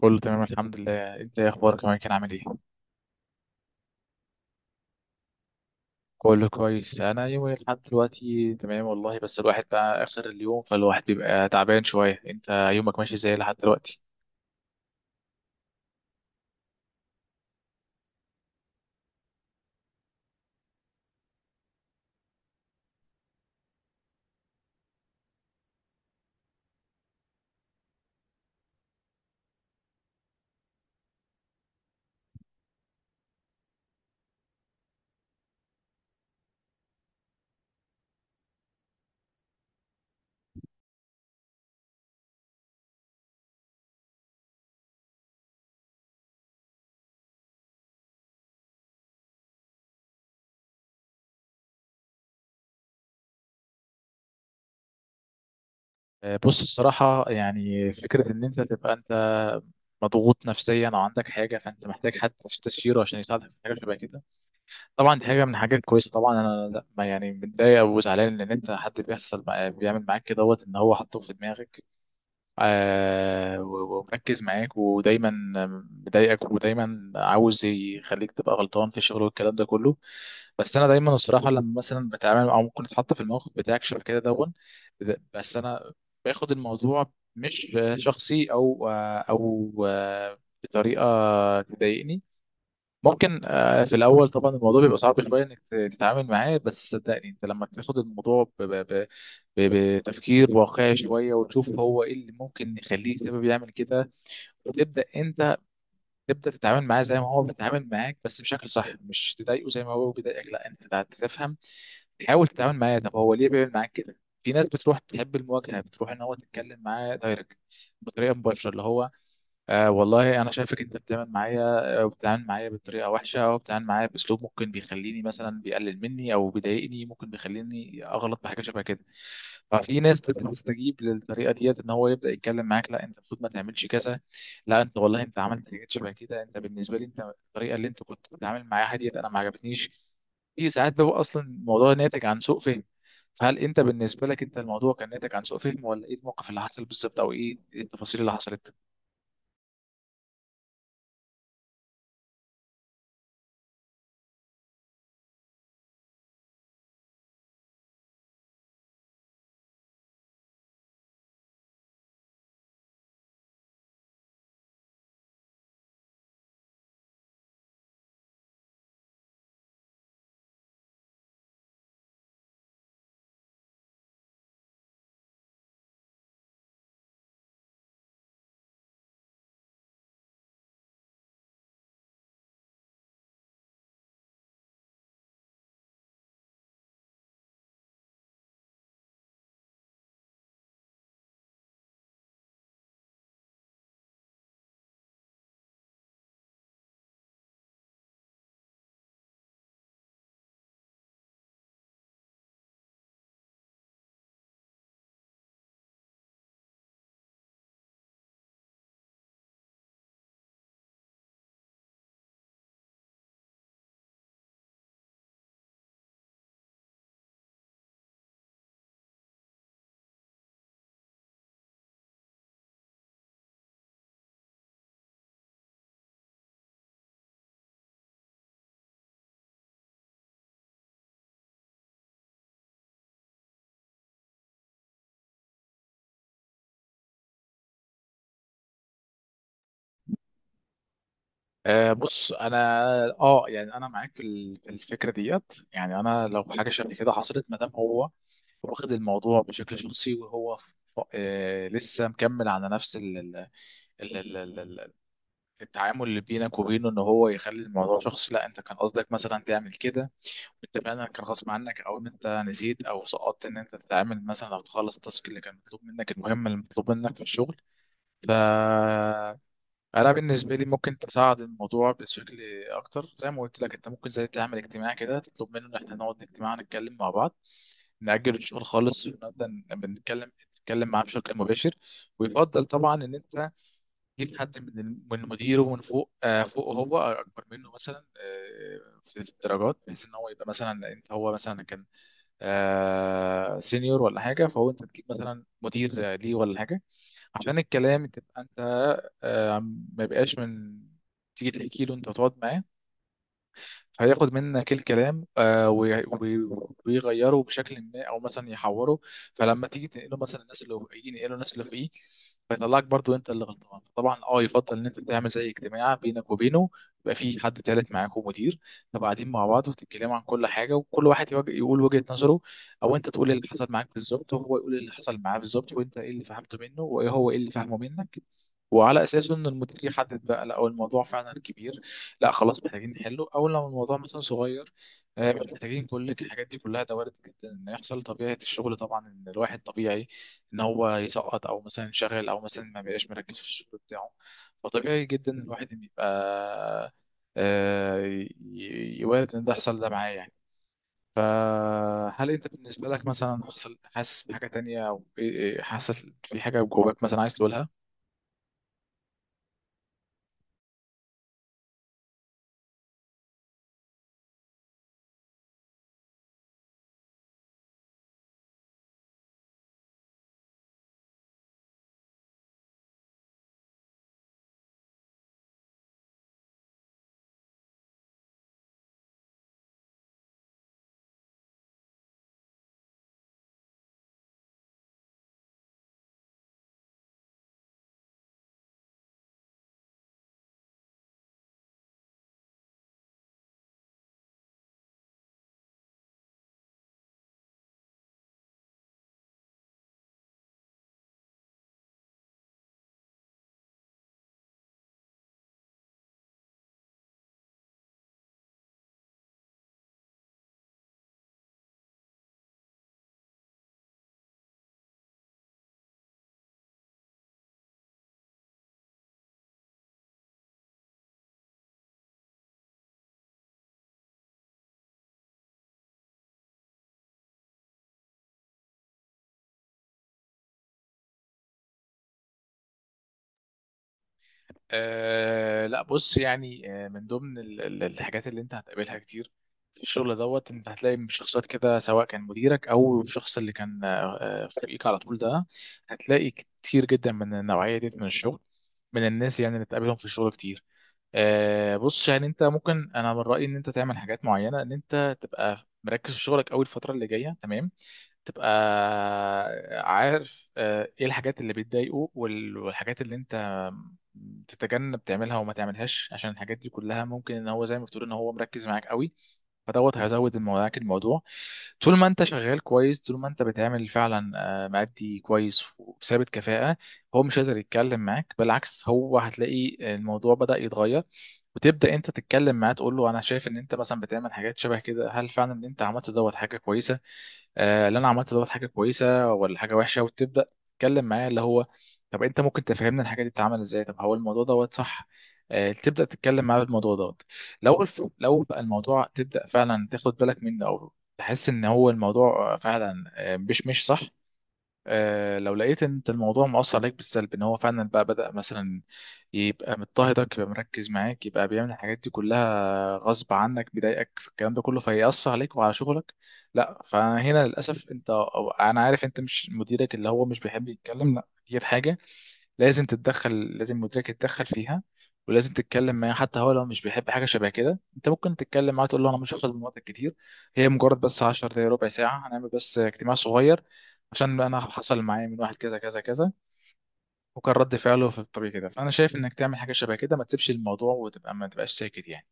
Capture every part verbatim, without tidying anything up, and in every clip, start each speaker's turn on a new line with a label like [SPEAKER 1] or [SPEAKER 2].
[SPEAKER 1] كله تمام، الحمد لله. انت ايه اخبارك يا كان، عامل ايه؟ كله كويس. انا يومي لحد دلوقتي تمام والله، بس الواحد بقى اخر اليوم فالواحد بيبقى تعبان شويه. انت يومك ماشي ازاي لحد دلوقتي؟ آه، بص الصراحه، يعني فكره ان انت تبقى انت مضغوط نفسيا او عندك حاجه فانت محتاج حد تستشيره عشان يساعدك في حاجه شبه كده. طبعا دي حاجه من الحاجات الكويسه. طبعا انا لا، ما يعني متضايق وزعلان ان انت حد بيحصل بقى- بيعمل معاك كده دوت، ان هو حاطه في دماغك، آه، و- ومركز معاك ودايما مضايقك ودايما عاوز يخليك تبقى غلطان في الشغل والكلام ده كله. بس انا دايما الصراحه، لما مثلا بتعامل او ممكن اتحط في الموقف بتاعك شبه كده دون، بس انا باخد الموضوع مش شخصي، او او بطريقه تضايقني. ممكن آه، في الاول طبعا الموضوع بيبقى صعب شويه انك ت- تتعامل معاه. بس صدقني، انت لما تاخد الموضوع ب- ب- ب- ب- بتفكير واقعي شويه وتشوف هو ايه اللي ممكن يخليه سبب يعمل كده، وتبدا انت تبدا تتعامل معاه زي ما هو بيتعامل معاك بس بشكل صح، مش تضايقه زي ما هو بيضايقك، لا انت تع- تفهم، تحاول تتعامل معاه. طب هو ليه بيعمل معاك كده؟ في ناس بتروح تحب المواجهه، بتروح ان هو تتكلم معاه دايركت، بطريقه مباشره، اللي هو: آه والله انا شايفك انت بتعمل معايا، آه، بتتعامل معايا بطريقه وحشه او بتتعامل معايا باسلوب ممكن بيخليني مثلا بيقلل مني او بيضايقني، ممكن بيخليني اغلط بحاجه شبه كده. ففي ناس بتستجيب للطريقه ديت، ان هو يبدا يتكلم معاك: لا انت المفروض ما تعملش كذا، لا انت والله انت عملت حاجات شبه كده، انت بالنسبه لي، انت الطريقه اللي انت كنت بتتعامل معاها ديت انا ما عجبتنيش. في ساعات بيبقى اصلا الموضوع ناتج عن سوء فهم. فهل انت بالنسبه لك انت الموضوع كان ناتج عن سوء فهم، ولا ايه الموقف اللي حصل بالظبط او ايه التفاصيل اللي حصلت؟ آه، بص انا اه يعني انا معاك في ال- في الفكره ديت، يعني انا لو حاجه شبه كده حصلت، ما دام هو واخد الموضوع بشكل شخصي وهو ف- ف- آه لسه مكمل على نفس ال ال ال ال ال ال التعامل اللي بينك وبينه، ان هو يخلي الموضوع شخصي، لا انت كان قصدك مثلا تعمل كده، انت فعلا كان غصب عنك او ان انت نسيت او سقطت ان انت تتعامل مثلا او تخلص التاسك اللي كان مطلوب منك، المهمه اللي مطلوب منك في الشغل. ف انا بالنسبه لي ممكن تصعد الموضوع بشكل اكتر. زي ما قلت لك، انت ممكن زي تعمل اجتماع كده، تطلب منه ان احنا نقعد اجتماع نتكلم مع بعض، نأجل الشغل خالص ونقدر بنتكلم نتكلم معاه بشكل مباشر. ويفضل طبعا ان انت تجيب حد من الم- من مديره، من فوق، آه، فوق هو اكبر منه مثلا، آه، في الدرجات، بحيث ان هو يبقى مثلا، انت هو مثلا كان سينيور ولا حاجه، فهو انت تجيب مثلا مدير آه، ليه ولا حاجه، عشان الكلام تبقى انت آه، ما يبقاش من تيجي تحكي له انت تقعد معاه فهياخد منك الكلام، آه، وي- وي- ويغيره بشكل ما او مثلا يحوره، فلما تيجي تنقله مثلا الناس اللي فوقيه، ينقله الناس اللي فوقيه، فيطلعك برضو انت اللي غلطان. طبعا اه يفضل ان انت تعمل زي اجتماع بينك وبينه، يبقى في حد تالت معاكم، مدير، تبقى قاعدين مع بعض وتتكلموا عن كل حاجه، وكل واحد يواجه يقول وجهه نظره، او انت تقول اللي حصل معاك بالظبط وهو يقول اللي حصل معاه بالظبط، وانت ايه اللي فهمته منه وهو ايه اللي فهمه منك، وعلى اساسه ان المدير يحدد بقى، لا هو الموضوع فعلا كبير لا، خلاص محتاجين نحله، او لو الموضوع مثلا صغير آه، مش محتاجين كل الحاجات دي كلها. ده وارد جدا ان يحصل، طبيعه الشغل طبعا، ان الواحد طبيعي ان هو يسقط او مثلا ينشغل او مثلا ما بيبقاش مركز في الشغل بتاعه. فطبيعي جدا إن الواحد إن يبقى، آه، ي- ي- وارد ان ده يحصل ده معاه يعني. فهل انت بالنسبه لك مثلا حصل، حاسس بحاجه تانية، او إيه- إيه، حاسس في حاجه جواك مثلا عايز تقولها؟ أه لا، بص يعني، آه، من ضمن ال- ال- الحاجات اللي انت هتقابلها كتير في الشغل دوت، انت هتلاقي شخصيات كده سواء كان مديرك او الشخص اللي كان آه، آه، فوقيك على طول ده. هتلاقي كتير جدا من النوعية ديت من الشغل، من الناس يعني اللي تقابلهم في الشغل كتير. آه، بص يعني انت ممكن، انا من رأيي ان انت تعمل حاجات معينة، ان انت تبقى مركز في شغلك اول الفترة اللي جاية، تمام. تبقى عارف آه، ايه الحاجات اللي بتضايقه وال- والحاجات اللي انت تتجنب تعملها وما تعملهاش، عشان الحاجات دي كلها ممكن ان هو، زي ما بتقول، ان هو مركز معاك قوي، فدوت هيزود معاك الموضوع. طول ما انت شغال كويس، طول ما انت بتعمل فعلا آه، مأدي كويس وثابت كفاءة، هو مش قادر يتكلم معاك. بالعكس، هو هتلاقي الموضوع بدأ يتغير، وتبدا انت تتكلم معاه تقول له: انا شايف ان انت مثلا بتعمل حاجات شبه كده، هل فعلا اللي انت عملته دوت حاجه كويسه؟ آه، اللي انا عملته دوت حاجه كويسه ولا حاجه وحشه؟ وتبدا تتكلم معاه، اللي هو: طب انت ممكن تفهمنا الحاجه دي بتتعمل ازاي؟ طب هو الموضوع دوت صح؟ آه، تبدا تتكلم معاه بالموضوع دوت. لو الف... لو بقى الموضوع، تبدا فعلا تاخد بالك منه او تحس ان هو الموضوع فعلا آه، مش مش صح. آه، لو لقيت ان انت الموضوع مؤثر عليك بالسلب، ان هو فعلا بقى بدأ مثلا يبقى مضطهدك، يبقى مركز معاك، يبقى بيعمل الحاجات دي كلها غصب عنك، بيضايقك في الكلام ده كله فيأثر عليك وعلى شغلك، لا. فهنا للأسف انت، أو انا عارف انت مش، مديرك اللي هو مش بيحب يتكلم، لا دي حاجة لازم تتدخل، لازم مديرك يتدخل فيها. ولازم تتكلم معاه. حتى هو لو مش بيحب حاجه شبه كده، انت ممكن تتكلم معاه تقول له: انا مش هاخد من وقتك كتير، هي مجرد بس عشر دقايق، ربع ساعه، هنعمل بس اجتماع صغير، عشان انا حصل معايا من واحد كذا كذا كذا، وكان رد فعله في الطبيعي كده، فانا شايف انك تعمل حاجه شبه كده، ما تسيبش الموضوع وتبقى، ما تبقاش ساكت يعني.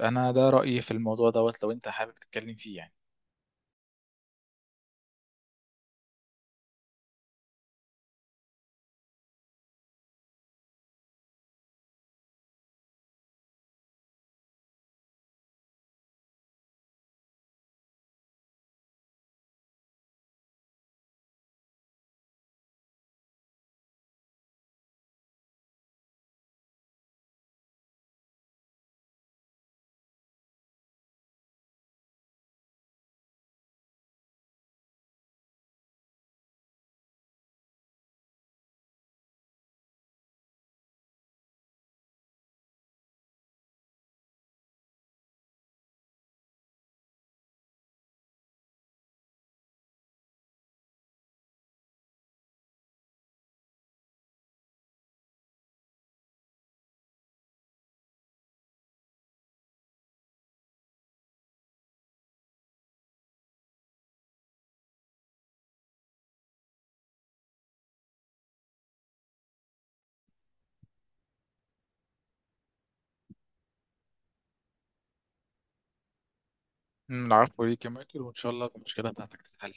[SPEAKER 1] انا ده رايي في الموضوع دوت، لو انت حابب تتكلم فيه يعني. العفو ليك يا مايكل، وان شاء الله المشكله بتاعتك تتحل.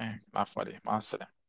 [SPEAKER 1] آه، العفو عليك. مع السلامه.